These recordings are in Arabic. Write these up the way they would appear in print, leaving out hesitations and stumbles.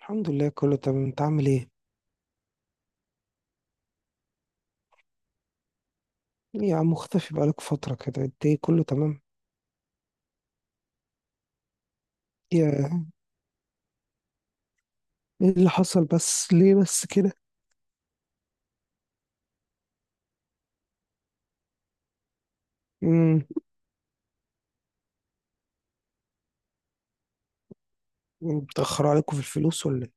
الحمد لله كله تمام. انت عامل ايه؟ ايه يا عم مختفي بقالك فترة كده، انت ايه؟ كله تمام. يا ايه اللي حصل؟ بس ليه بس كده؟ امم متأخروا عليكم في الفلوس ولا ايه؟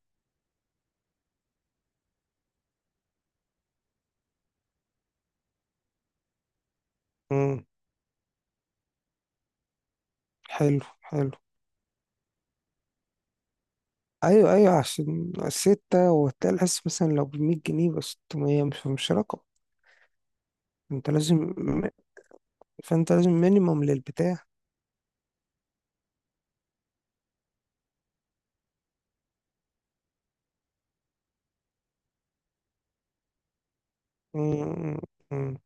امم حلو. حلو. ايوه ايوه، عشان ستة وتلاقي الحس مثلا لو بمية جنيه بس، 600 مش رقم. انت لازم، فانت لازم مينيمم للبتاع. امم امم.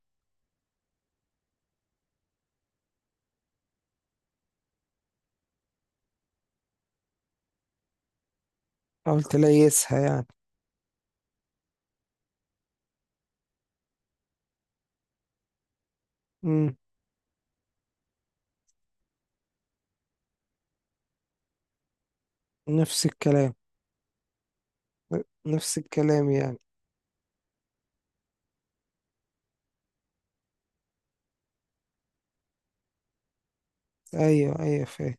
حاول تليسها يعني. امم نفس الكلام. نفس الكلام يعني. ايوه ايوه فاهم.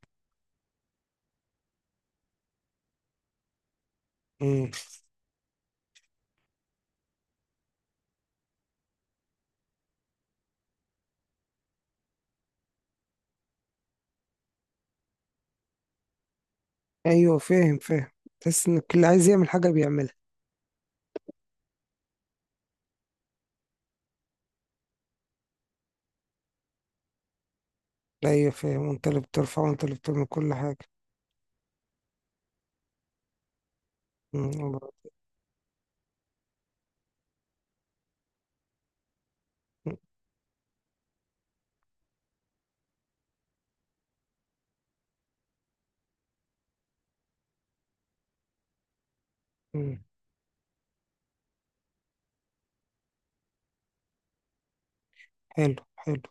ايوه فاهم فاهم. تحس ان اللي عايز يعمل حاجه بيعملها. ايوه فاهم، وانت اللي بترفع وانت اللي بتعمل كل حاجه. مم، الله. مم. مم. حلو حلو.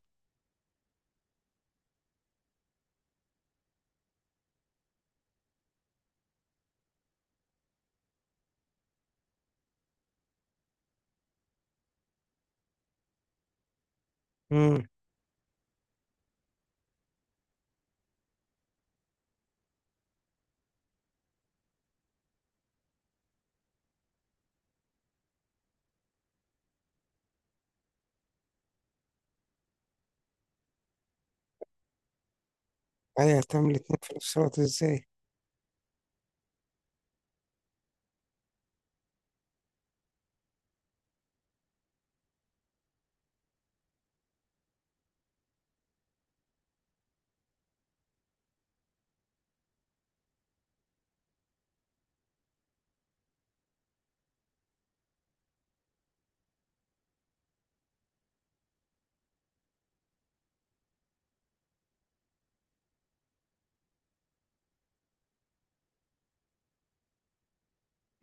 امم ايوه، هتعمل اتنين في نفس الوقت ازاي؟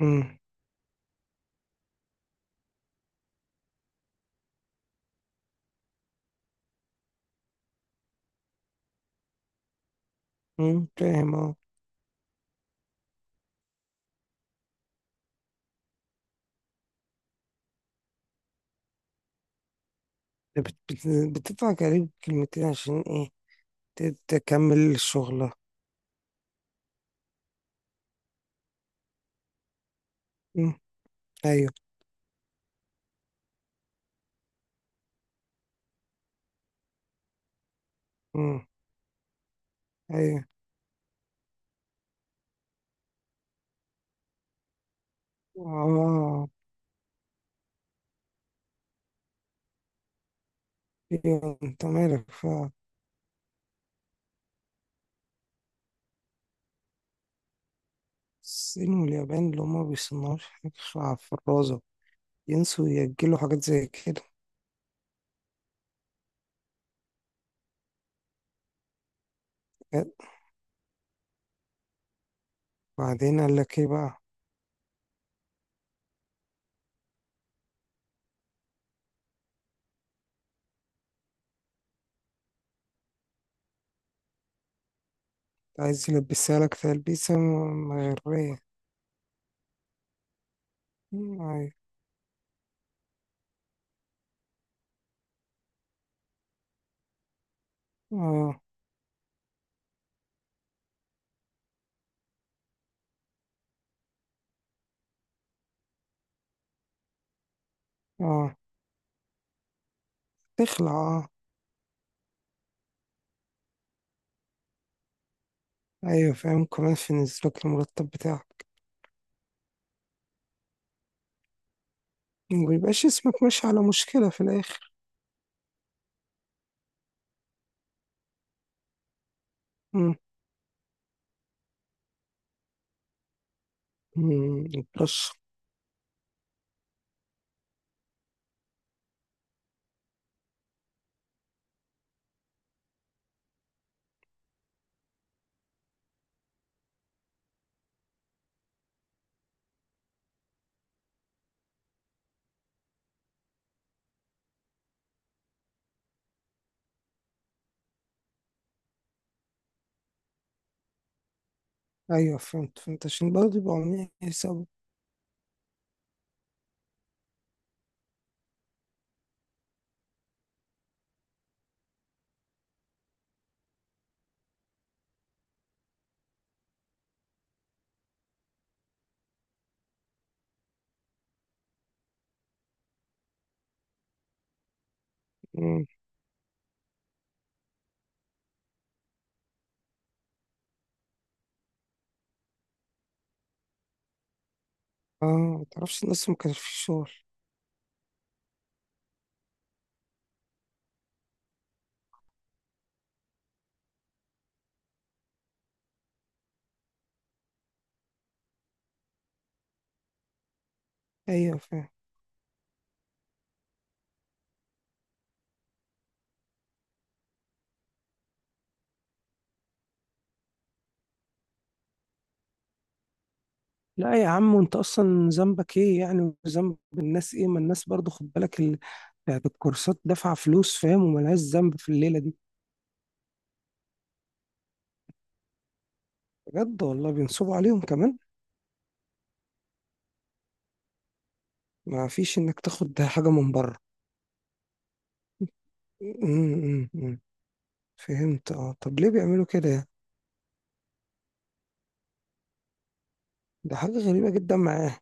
امم فاهم اه. ده بت- بت- بتدفع كريم كلمتين عشان ايه؟ تكمل شغله. امم ايوه. امم ايوه. اه. ايوه، انت مالك فعلا. الصين واليابان اللي هما مبيصنعوش حاجة في الرازة، ينسوا يأجلوا حاجات زي كده؟ بعدين قال لك ايه بقى؟ عايز يلبسها لك تلبيسة مغرية. مم، أيوة. اه. اه، تخلع. اه، ايوه فاهم، كمان في نزلك المرتب بتاعك. مبيبقاش اسمك ماشي على مشكلة في الآخر. مم. مم، بلش. ايوه فهمت فهمت، عشان برضه يبقوا عاملين حساب. مم، اه. متعرفش الناس ما كانش في شغل. ايوه فاهم. لا يا عم، وانت اصلا ذنبك ايه يعني؟ وذنب الناس ايه؟ ما الناس برضه، خد بالك بتاعت الكورسات دافعة فلوس فاهم، وملهاش ذنب في الليلة دي. بجد والله بينصبوا عليهم كمان. ما فيش انك تاخد حاجة من بره. أمم، أمم. فهمت اه. طب ليه بيعملوا كده يعني؟ ده حاجة غريبة جدا معاه.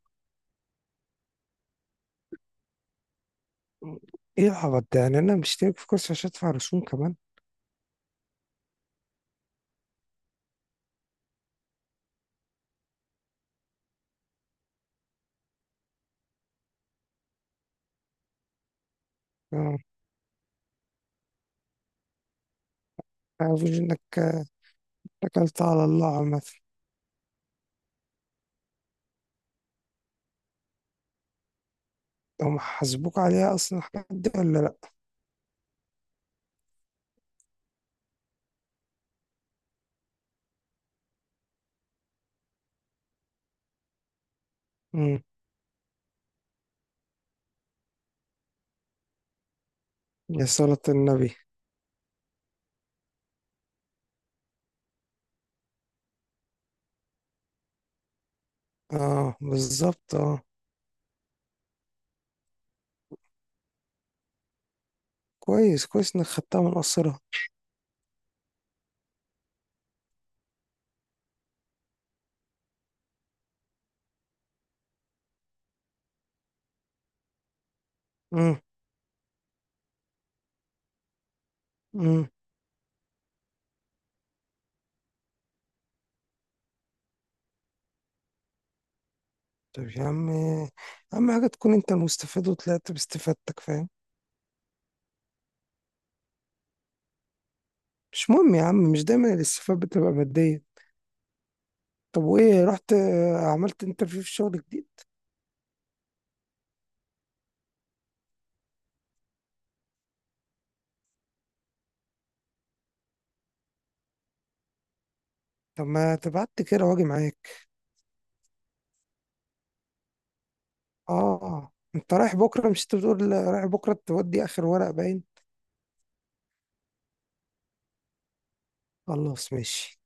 ايه العبط ده يعني؟ انا مشترك في كورس عشان ادفع رسوم كمان؟ اه. عارف انك اكلت على الله عامة. هم حاسبوك عليها اصلا الحاجات دي ولا لا؟ أمم. يا صلاة النبي. اه بالظبط اه. كويس كويس انك خدتها من قصرها. أمم، أمم. طب يا عم، اهم حاجة تكون انت المستفيد، وطلعت باستفادتك فاهم. مش مهم يا عم، مش دايما الاستفادة بتبقى مادية. طب وايه، رحت آه، عملت انترفيو في شغل جديد؟ طب ما تبعت كده واجي معاك. اه. آه. انت رايح بكرة؟ مش انت بتقول رايح بكرة تودي اخر ورق باين؟ خلاص ماشي.